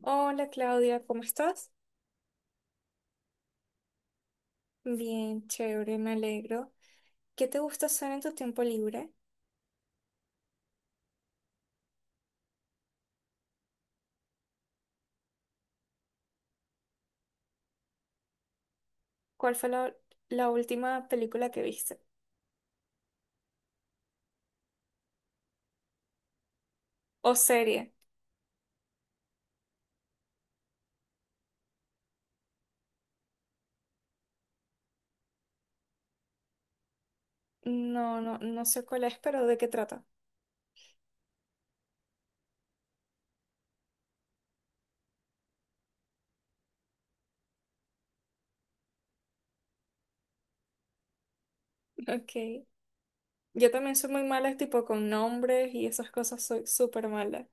Hola Claudia, ¿cómo estás? Bien, chévere, me alegro. ¿Qué te gusta hacer en tu tiempo libre? ¿Cuál fue la última película que viste? ¿O serie? No, no, no sé cuál es, pero ¿de qué trata? Ok. Yo también soy muy mala, tipo con nombres y esas cosas, soy súper mala.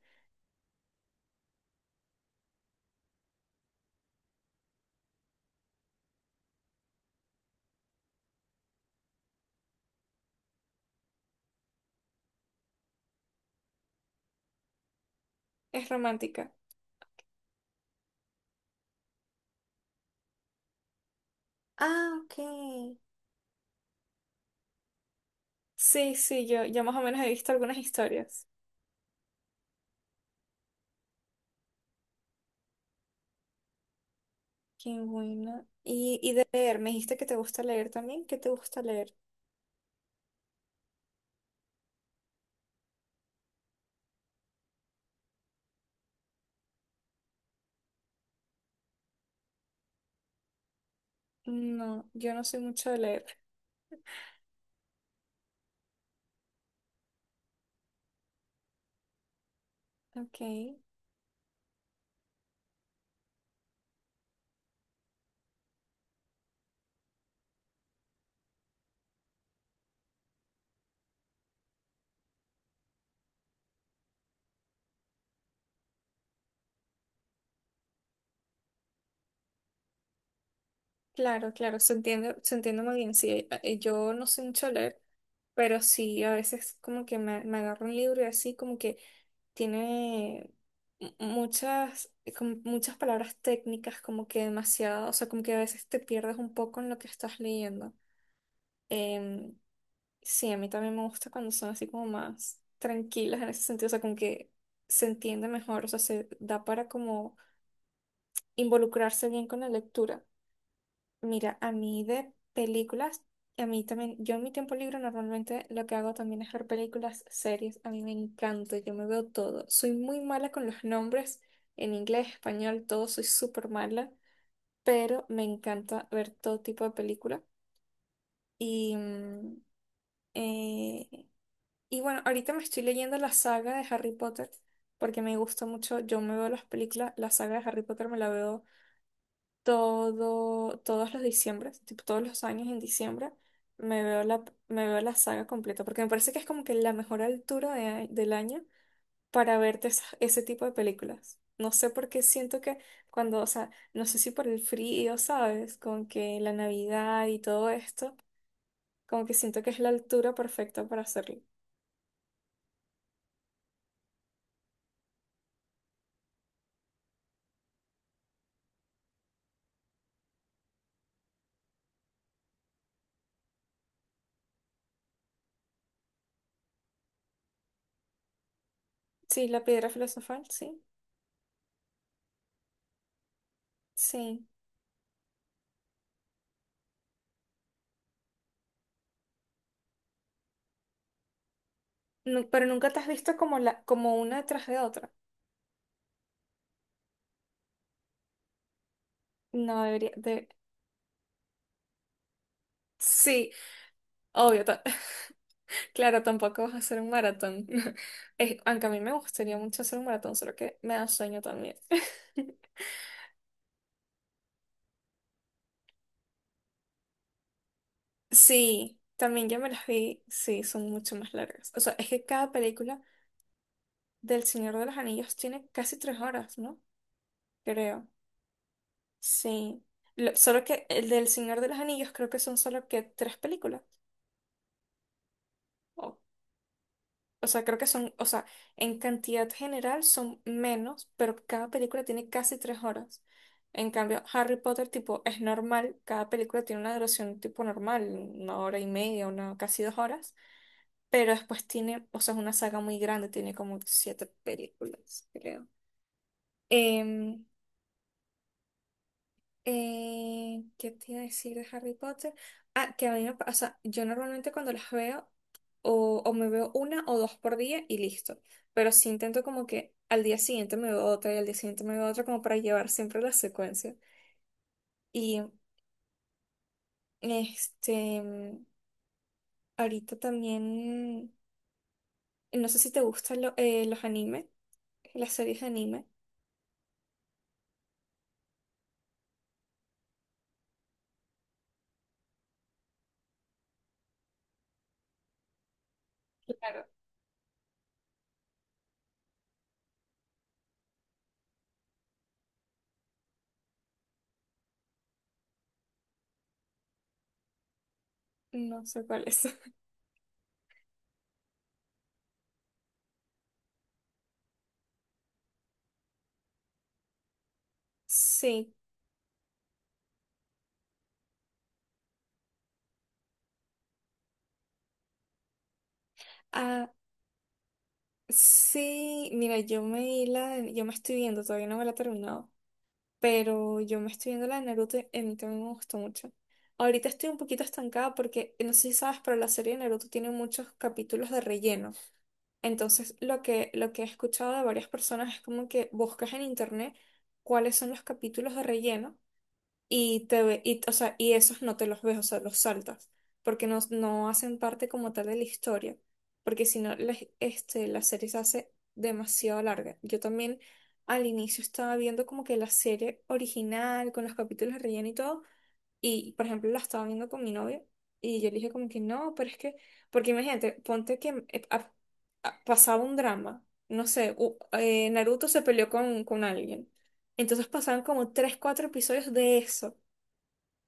Es romántica. Ah, ok. Sí, sí, yo más o menos he visto algunas historias. Qué bueno. Y de leer, me dijiste que te gusta leer también. ¿Qué te gusta leer? No, yo no soy mucho de leer. Ok, claro, claro, se entiende muy bien. Sí, yo no sé mucho leer, pero sí, a veces como que me agarro un libro y así como que tiene muchas, como muchas palabras técnicas, como que demasiado, o sea, como que a veces te pierdes un poco en lo que estás leyendo. Em, sí, a mí también me gusta cuando son así como más tranquilas en ese sentido, o sea, como que se entiende mejor, o sea, se da para como involucrarse bien con la lectura. Mira, a mí de películas, a mí también, yo en mi tiempo libre normalmente lo que hago también es ver películas, series, a mí me encanta, yo me veo todo. Soy muy mala con los nombres, en inglés, español, todo, soy súper mala, pero me encanta ver todo tipo de película. Y, mm, eh, y bueno, ahorita me estoy leyendo la saga de Harry Potter porque me gusta mucho, yo me veo las películas, la saga de Harry Potter me la veo. Todos los diciembres, tipo todos los años en diciembre, me veo la saga completa, porque me parece que es como que la mejor altura del año para verte ese tipo de películas. No sé por qué siento que cuando, o sea, no sé si por el frío, ¿sabes? Con que la Navidad y todo esto, como que siento que es la altura perfecta para hacerlo. Sí, la piedra filosofal, sí, sí. Pero nunca te has visto como una tras de otra. No, debería. Sí, obvio. Claro, tampoco vas a hacer un maratón. Aunque a mí me gustaría mucho hacer un maratón, solo que me da sueño también. Sí, también ya me las vi, sí, son mucho más largas. O sea, es que cada película del Señor de los Anillos tiene casi 3 horas, ¿no? Creo. Sí. Solo que el del Señor de los Anillos creo que son solo que tres películas. O sea, creo que son, o sea, en cantidad general son menos, pero cada película tiene casi 3 horas. En cambio, Harry Potter, tipo, es normal, cada película tiene una duración tipo normal, 1 hora y media, casi 2 horas, pero después tiene, o sea, es una saga muy grande, tiene como siete películas, creo. Em, ¿Qué te iba a decir de Harry Potter? Ah, que a mí me pasa, yo normalmente cuando las veo, o me veo una o dos por día y listo. Pero sí intento como que al día siguiente me veo otra y al día siguiente me veo otra como para llevar siempre la secuencia. Y este, ahorita también, no sé si te gustan los animes, las series de anime. Claro, no sé cuál es. Sí, ah, sí, mira, yo me estoy viendo, todavía no me la he terminado. Pero yo me estoy viendo la de Naruto y a mí también me gustó mucho. Ahorita estoy un poquito estancada porque no sé si sabes, pero la serie de Naruto tiene muchos capítulos de relleno. Entonces, lo que he escuchado de varias personas es como que buscas en internet cuáles son los capítulos de relleno y, o sea, y esos no te los ves, o sea, los saltas, porque no, no hacen parte como tal de la historia, porque si no, la serie se hace demasiado larga. Yo también al inicio estaba viendo como que la serie original, con los capítulos de relleno y todo, y por ejemplo la estaba viendo con mi novio, y yo le dije como que no, pero es que, porque imagínate, ponte que pasaba un drama, no sé, Naruto se peleó con alguien. Entonces pasaban como tres, cuatro episodios de eso.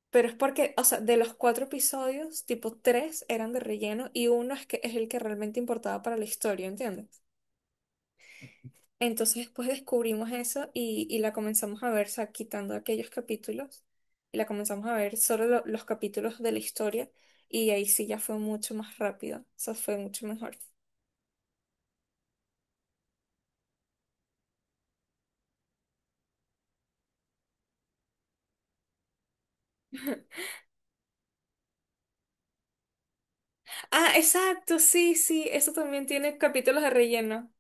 Pero es porque, o sea, de los cuatro episodios, tipo tres eran de relleno y uno es que es el que realmente importaba para la historia, ¿entiendes? Entonces después descubrimos eso y la comenzamos a ver, o sea, quitando aquellos capítulos y la comenzamos a ver solo los capítulos de la historia y ahí sí ya fue mucho más rápido, o sea, fue mucho mejor. Ah, exacto, sí, sí, eso también tiene capítulos de relleno.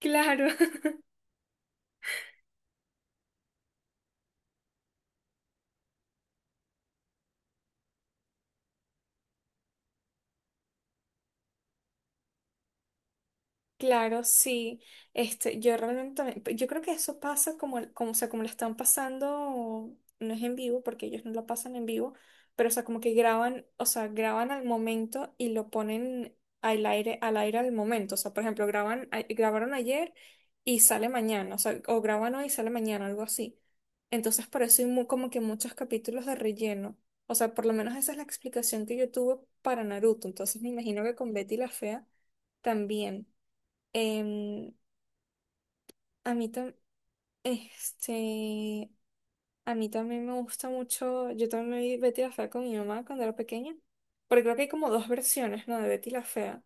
Claro. Claro, sí. Este, yo realmente pues, yo creo que eso pasa como, o sea, como lo están pasando, no es en vivo, porque ellos no lo pasan en vivo, pero o sea, como que graban, o sea, graban al momento y lo ponen al aire, al aire al momento. O sea, por ejemplo, graban, grabaron ayer y sale mañana, o sea, o graban hoy y sale mañana, algo así. Entonces, por eso hay como que muchos capítulos de relleno. O sea, por lo menos esa es la explicación que yo tuve para Naruto. Entonces, me imagino que con Betty la Fea también. Em, a mí tam- este, a mí también me gusta mucho, yo también me vi Betty la Fea con mi mamá cuando era pequeña, porque creo que hay como dos versiones, ¿no? De Betty la Fea.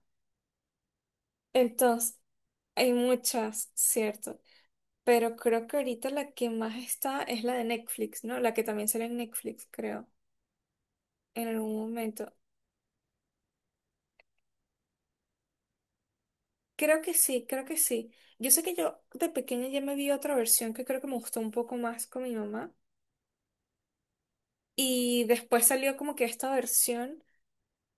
Entonces, hay muchas, cierto, pero creo que ahorita la que más está es la de Netflix, ¿no? La que también sale en Netflix, creo, en algún momento. Creo que sí, creo que sí. Yo sé que yo de pequeña ya me vi otra versión que creo que me gustó un poco más con mi mamá. Y después salió como que esta versión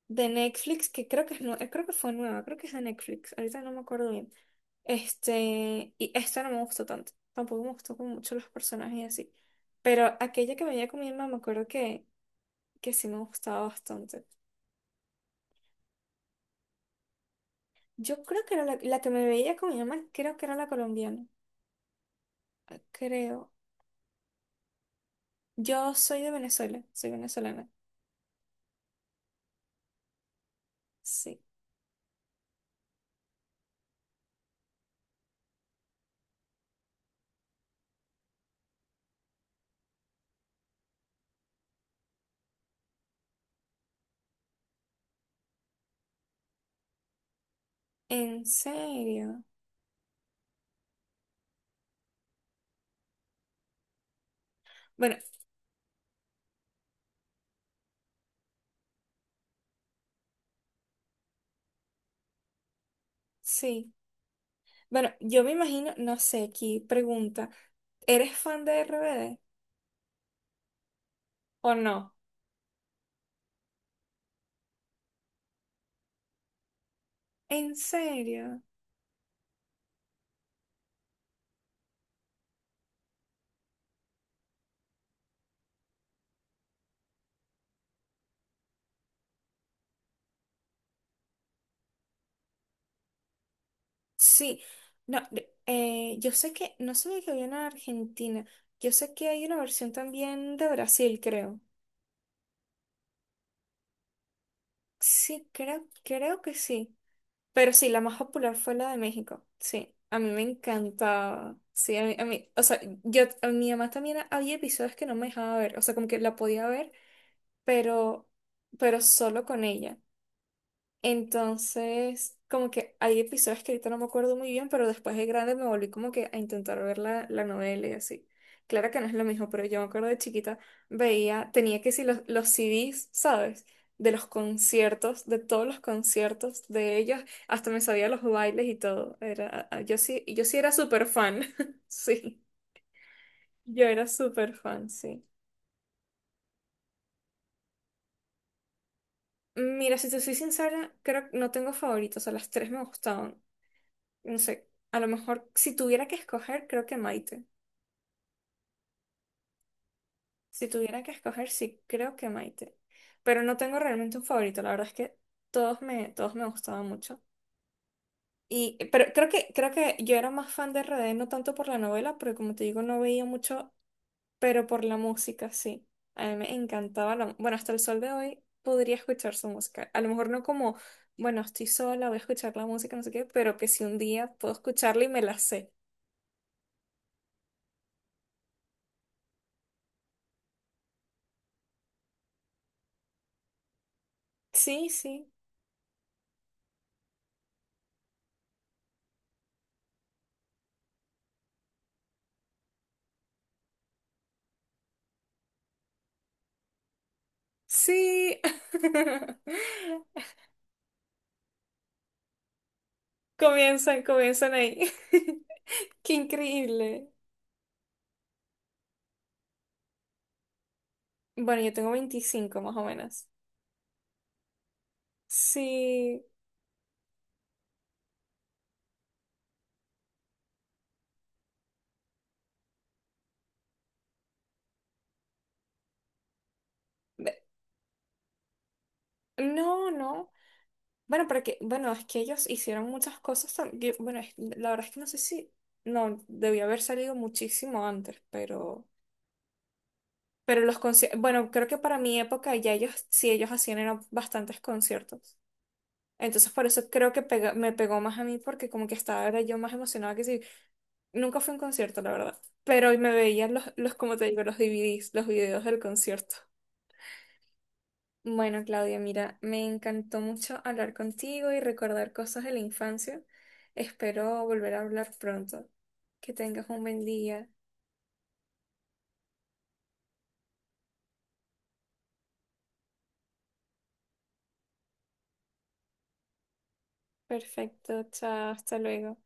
de Netflix, que creo que creo que fue nueva, creo que es de Netflix, ahorita no me acuerdo bien. Este, y esta no me gustó tanto, tampoco me gustó como mucho los personajes y así. Pero aquella que me veía con mi mamá, me acuerdo que sí me gustaba bastante. Yo creo que era la que me veía con mi mamá, creo que era la colombiana, creo. Yo soy de Venezuela, soy venezolana, sí. ¿En serio? Bueno, sí. Bueno, yo me imagino, no sé, aquí pregunta, ¿eres fan de RBD o no? ¿En serio? Sí. No, yo sé que, no sabía que había una Argentina. Yo sé que hay una versión también de Brasil, creo. Sí, creo que sí. Pero sí, la más popular fue la de México. Sí, a mí me encantaba. Sí, a mí- o sea, yo, a mi mamá también había episodios que no me dejaba ver. O sea, como que la podía ver, pero, pero solo con ella. Entonces, como que hay episodios que ahorita no me acuerdo muy bien, pero después de grande me volví como que a intentar ver la novela y así. Claro que no es lo mismo, pero yo me acuerdo de chiquita, veía, tenía que si los CDs, ¿sabes? De los conciertos, de todos los conciertos de ellos, hasta me sabía los bailes y todo. Yo sí, yo sí era súper fan, sí, yo era súper fan, sí. Mira, si te soy sincera, creo que no tengo favoritos, a las tres me gustaban. No sé, a lo mejor si tuviera que escoger, creo que Maite. Si tuviera que escoger, sí, creo que Maite. Pero no tengo realmente un favorito, la verdad es que todos me gustaban mucho. Pero creo que yo era más fan de RD, no tanto por la novela, porque como te digo, no veía mucho, pero por la música, sí. A mí me encantaba hasta el sol de hoy podría escuchar su música. A lo mejor no como, bueno, estoy sola, voy a escuchar la música, no sé qué, pero que si un día puedo escucharla y me la sé. Sí, sí. Sí. Comienzan, comienzan ahí. Qué increíble. Bueno, yo tengo 25 más o menos. Sí. Ve- No, no. Bueno, porque, bueno, es que ellos hicieron muchas cosas. Bueno, la verdad es que no sé si. No, debió haber salido muchísimo antes, pero. Pero los conciertos. Bueno, creo que para mi época ya ellos, sí, ellos hacían eran bastantes conciertos. Entonces por eso creo que me pegó más a mí porque como que estaba era yo más emocionada que si nunca fue un concierto, la verdad. Pero me veían como te digo, los DVDs, los videos del concierto. Bueno, Claudia, mira, me encantó mucho hablar contigo y recordar cosas de la infancia. Espero volver a hablar pronto. Que tengas un buen día. Perfecto, chao, hasta luego.